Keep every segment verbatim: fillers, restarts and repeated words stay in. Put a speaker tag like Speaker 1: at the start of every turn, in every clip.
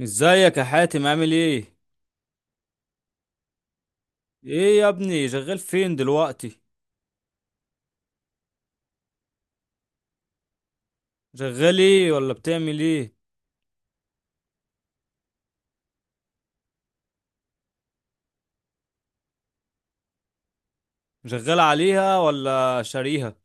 Speaker 1: ازيك يا حاتم، عامل ايه؟ ايه يا ابني، شغال فين دلوقتي؟ شغال ايه ولا بتعمل ايه؟ شغال عليها ولا شاريها؟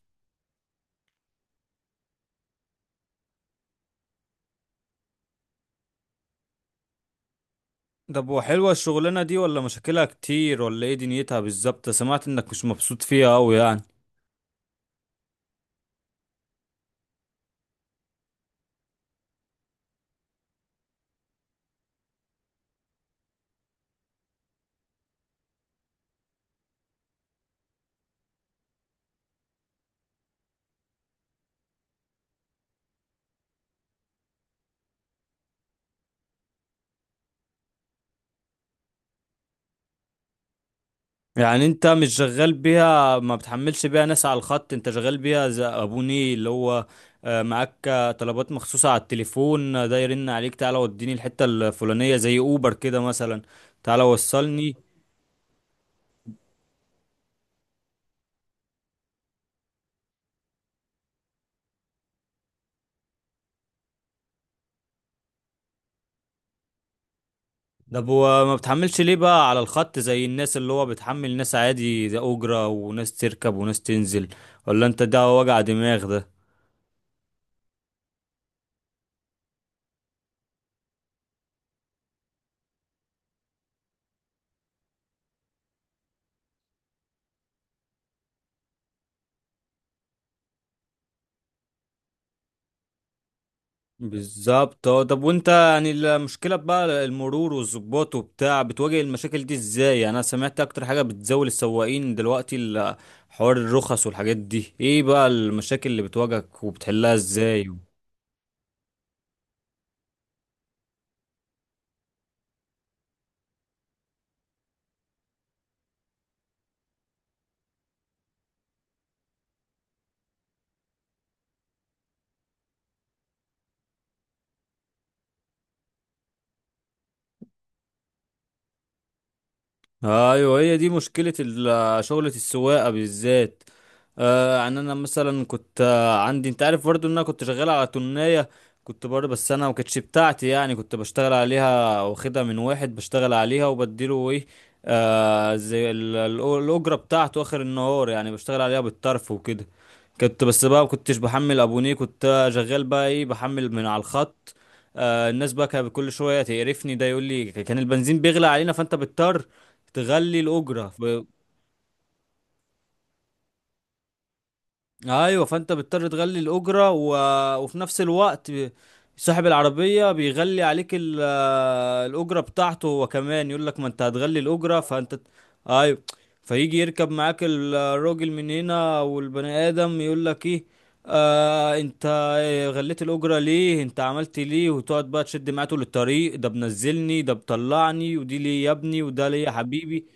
Speaker 1: طب، وحلوة الشغلانة دي ولا مشاكلها كتير ولا ايه دنيتها بالظبط؟ سمعت انك مش مبسوط فيها اوي يعني. يعني انت مش شغال بيها، ما بتحملش بيها ناس على الخط، انت شغال بيها زي ابو نيل، اللي هو آه، معاك، آه، طلبات مخصوصة على التليفون، آه، ده يرن عليك تعالى وديني الحتة الفلانية، زي اوبر كده مثلا، تعالى وصلني. طب وما بتحملش ليه بقى على الخط زي الناس، اللي هو بتحمل ناس عادي، ده أجرة وناس تركب وناس تنزل، ولا انت ده وجع دماغ ده؟ بالظبط. اه، طب وانت يعني المشكلة بقى المرور والظباط وبتاع، بتواجه المشاكل دي ازاي؟ يعني انا سمعت اكتر حاجة بتزاول السواقين دلوقتي ال- حوار الرخص والحاجات دي، ايه بقى المشاكل اللي بتواجهك وبتحلها ازاي؟ ايوه هي دي مشكله ال- شغله السواقه بالذات. آه يعني انا مثلا كنت، آه، عندي، انت عارف برضو ان انا كنت شغال على تنية. كنت برضو، بس انا ما كانتش بتاعتي يعني، كنت بشتغل عليها واخدها من واحد بشتغل عليها وبديله ايه، آه، زي ال- ال- الاجره بتاعته اخر النهار، يعني بشتغل عليها بالطرف وكده. كنت بس بقى ما كنتش بحمل ابونيه، كنت شغال بقى ايه، بحمل من على الخط. آه، الناس بقى كانت كل شويه تقرفني، ده يقول لي كان البنزين بيغلى علينا فانت بتضطر تغلي الأجرة ف... أيوة، فأنت بتضطر تغلي الأجرة و... وفي نفس الوقت ب- صاحب العربية بيغلي عليك ال... الأجرة بتاعته، هو كمان يقول لك ما أنت هتغلي الأجرة فأنت. أيوة، فيجي يركب معاك الراجل من هنا، والبني آدم يقول لك إيه، آه انت غليت الاجره ليه، انت عملت ليه، وتقعد بقى تشد معاه طول الطريق، ده بنزلني ده بطلعني ودي ليه يا ابني وده ليه يا حبيبي.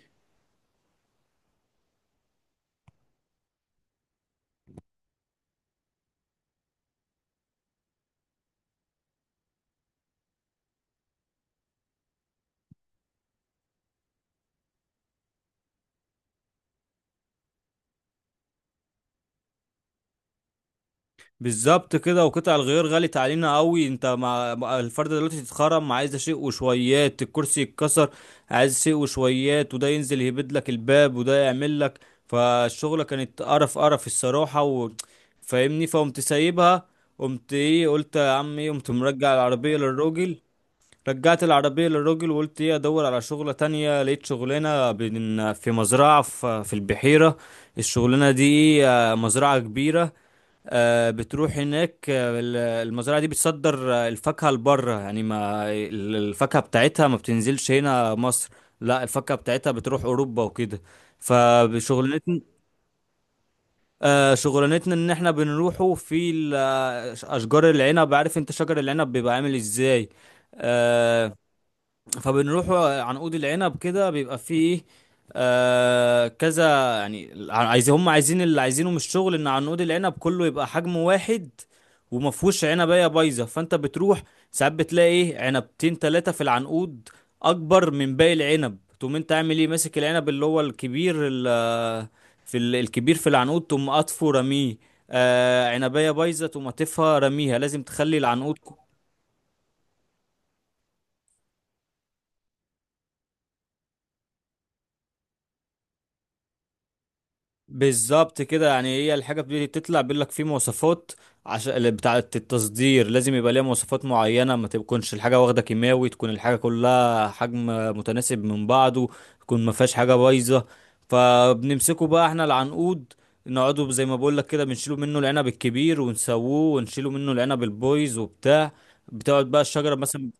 Speaker 1: بالظبط كده. وقطع الغيار غلت علينا قوي، انت مع مع الفرده دلوقتي تتخرم، عايزه شيء وشويات، الكرسي يتكسر عايز شيء وشويات، وده ينزل يهبد لك الباب، وده يعمل لك. فالشغله كانت قرف قرف الصراحه و... فاهمني، فقمت سايبها. قمت ايه، قلت يا عم ايه، قمت مرجع العربيه للراجل. رجعت العربية للراجل وقلت ايه، ادور على شغلة تانية. لقيت شغلانة بن- في مزرعة في في البحيرة. الشغلانة دي ايه، آه، مزرعة كبيرة. آه، بتروح هناك. آه، ال- المزرعة دي بتصدر آه، الفاكهة لبره، يعني ما ال- الفاكهة بتاعتها ما بتنزلش هنا مصر، لا، الفاكهة بتاعتها بتروح أوروبا وكده. فشغلانتنا، آه، شغلانتنا ان احنا بنروحوا في ال- آه، اشجار العنب، عارف انت شجر العنب بيبقى عامل ازاي، آه. فبنروح عنقود العنب كده بيبقى فيه ايه، آه كذا. يعني ع- عايزين، هم عايزين اللي عايزينه من الشغل ان عنقود العنب كله يبقى حجم واحد، وما فيهوش عنبية بايظة. فانت بتروح ساعات بتلاقي ايه، عنبتين تلاتة في العنقود اكبر من باقي العنب، تقوم انت عامل ايه، ماسك العنب اللي هو الكبير ال- في ال- الكبير في العنقود تقوم قاطفه رميه. آه، عنبية بايظة تقوم قاطفها رميها، لازم تخلي العنقود بالظبط كده، يعني هي الحاجة بتبتدي تطلع بيقول لك في مواصفات، عشان بتاعة التصدير لازم يبقى ليها مواصفات معينة، ما تكونش الحاجة واخدة كيماوي، تكون الحاجة كلها حجم متناسب من بعضه، تكون ما فيهاش حاجة بايظة. فبنمسكه بقى احنا العنقود، نقعده زي ما بقول لك كده، بنشيله منه العنب الكبير ونسووه، ونشيله منه العنب البويز وبتاع، بتقعد بقى الشجرة مثلا.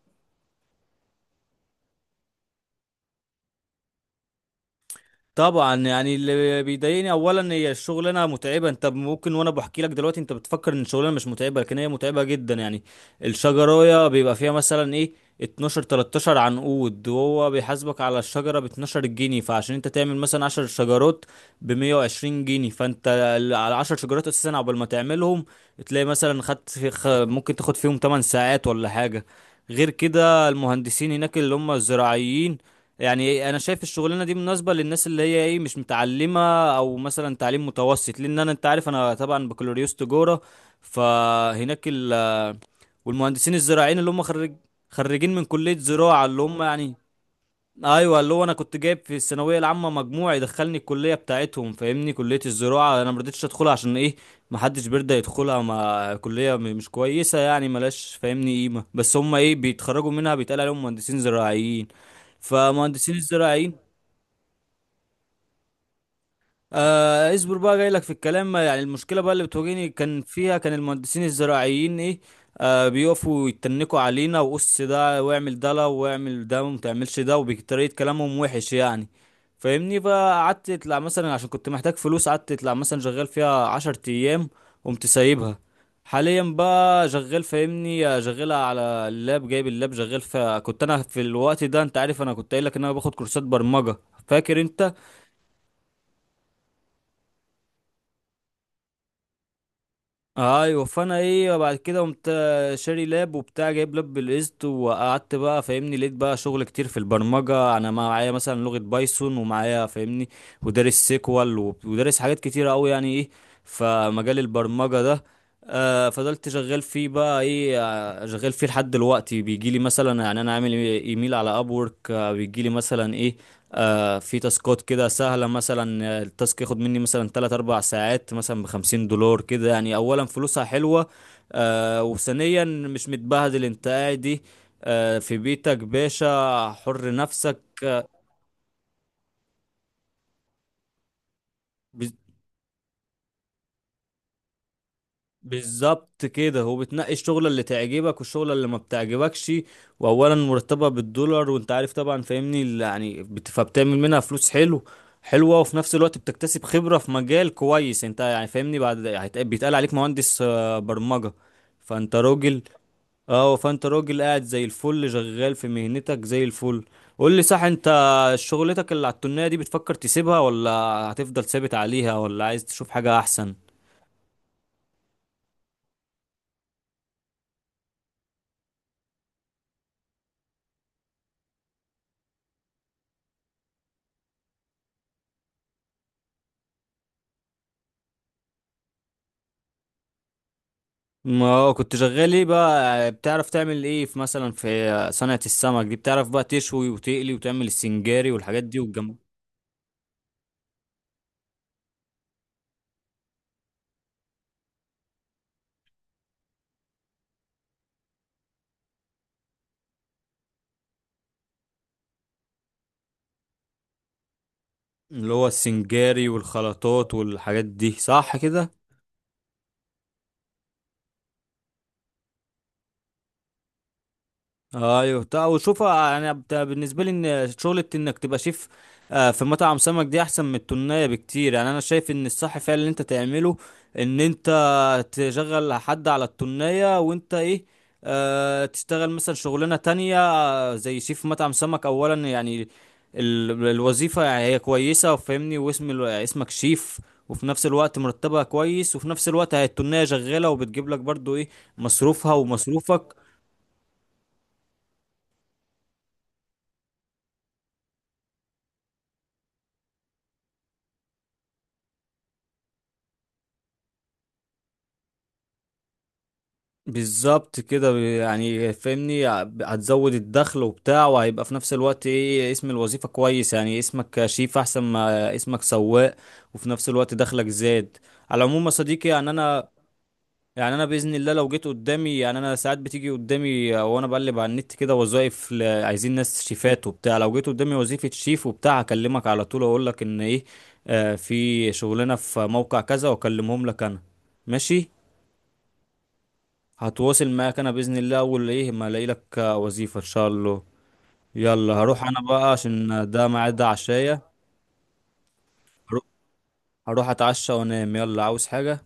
Speaker 1: طبعا يعني اللي بيضايقني اولا هي الشغلانه متعبه، انت ممكن وانا بحكي لك دلوقتي انت بتفكر ان الشغلانه مش متعبه، لكن هي متعبه جدا يعني. الشجرايه بيبقى فيها مثلا ايه، اتناشر تلتاشر عنقود، وهو بيحاسبك على الشجره ب اتناشر جنيه، فعشان انت تعمل مثلا عشرة شجرات ب مئة وعشرين جنيه، فانت ال- على عشر شجرات اساسا عقبال ما تعملهم، تلاقي مثلا خدت في خ... ممكن تاخد فيهم تمان ساعات ولا حاجه. غير كده المهندسين هناك اللي هم الزراعيين، يعني انا شايف الشغلانه دي مناسبه للناس اللي هي ايه، مش متعلمه، او مثلا تعليم متوسط، لان انا انت عارف انا طبعا بكالوريوس تجاره. فهناك ال... والمهندسين الزراعيين اللي هم خريج، خريجين من كليه زراعه، اللي هم يعني، ايوه اللي هو انا كنت جايب في الثانويه العامه مجموع يدخلني الكليه بتاعتهم، فاهمني، كليه الزراعه انا ما رضيتش ادخلها عشان ايه، ما حدش بيرضى يدخلها، ما كليه م- مش كويسه يعني، ملاش فاهمني قيمه، بس هم ايه، بيتخرجوا منها بيتقال عليهم مهندسين زراعيين. فمهندسين الزراعيين، آه اصبر بقى جاي لك في الكلام، يعني المشكله بقى اللي بتواجهني كان فيها، كان المهندسين الزراعيين ايه، آه بيقفوا يتنكوا علينا وقص، ده واعمل ده، لا واعمل ده وما تعملش ده، وبطريقه كلامهم وحش يعني، فاهمني، فقعدت اطلع مثلا عشان كنت محتاج فلوس، قعدت اطلع مثلا شغال فيها عشر ايام، قمت سايبها. حاليا بقى شغال فاهمني، شغال على اللاب، جايب اللاب شغال ف، كنت انا في الوقت ده انت عارف انا كنت قايل لك ان انا باخد كورسات برمجه، فاكر انت؟ ايوه فانا ايه بعد كده قمت شاري لاب وبتاع، جايب لاب بالقسط، وقعدت بقى فاهمني، لقيت بقى شغل كتير في البرمجه، انا معايا مثلا لغه بايثون ومعايا فاهمني، ودارس سيكوال وب- ودارس حاجات كتيره قوي يعني ايه. فمجال البرمجه ده، آه فضلت شغال فيه بقى ايه، آه، شغال فيه لحد دلوقتي، بيجي لي مثلا، يعني انا عامل ايميل على ابورك، آه بيجي لي مثلا ايه، آه في تاسكات كده سهلة مثلا، آه، التاسك ياخد مني مثلا تلات اربع ساعات مثلا ب خمسين دولار كده، يعني أولا فلوسها حلوة، آه وثانيا مش متبهدل، انت قاعد آه في بيتك باشا حر نفسك. آه، بالظبط كده، هو بتنقي الشغلة اللي تعجبك والشغلة اللي ما بتعجبكش، واولا مرتبها بالدولار، وانت عارف طبعا فاهمني، ال- يعني بت- فبتعمل منها فلوس حلو حلوة، وفي نفس الوقت بتكتسب خبرة في مجال كويس انت، يعني فاهمني بعد هيت- بيتقال عليك مهندس آه، برمجة، فانت راجل. اه فانت راجل قاعد زي الفل شغال في مهنتك زي الفل. قول لي صح، انت شغلتك اللي على التنية دي بتفكر تسيبها، ولا هتفضل ثابت عليها، ولا عايز تشوف حاجة احسن؟ ما هو كنت شغال ايه بقى، بتعرف تعمل ايه في مثلا في صنعة السمك دي، بتعرف بقى تشوي وتقلي وتعمل السنجاري والحاجات دي والجم، اللي هو السنجاري والخلطات والحاجات دي صح كده؟ ايوه، تا- وشوف انا بت- بالنسبه لي ان شغله انك تبقى شيف آه، في مطعم سمك دي احسن من التونية بكتير. يعني انا شايف ان الصح فعلا اللي انت تعمله ان انت تشغل حد على التونية وانت ايه، آه تشتغل مثلا شغلانه تانية، آه، زي شيف مطعم سمك، اولا يعني ال- الوظيفه يعني هي كويسه فاهمني، واسم ال- اسمك شيف، وفي نفس الوقت مرتبها كويس، وفي نفس الوقت هي التونية شغاله وبتجيب لك برضو ايه، مصروفها ومصروفك. بالظبط كده يعني فاهمني، هتزود الدخل وبتاع، وهيبقى في نفس الوقت ايه، اسم الوظيفة كويس يعني، اسمك شيف احسن ما اسمك سواق، وفي نفس الوقت دخلك زاد. على العموم يا صديقي، يعني انا يعني انا بإذن الله لو جيت قدامي، يعني انا ساعات بتيجي قدامي وانا بقلب على النت كده وظائف ل- عايزين ناس شيفات وبتاع، لو جيت قدامي وظيفة شيف وبتاع هكلمك على طول اقول لك ان ايه، آه في شغلنا في موقع كذا واكلمهم لك انا. ماشي، هتواصل معاك انا باذن الله اول ايه ما الاقي لك وظيفه ان شاء الله. يلا هروح انا بقى عشان ده ميعاد عشايه. هروح هروح اتعشى وانام، يلا عاوز حاجه؟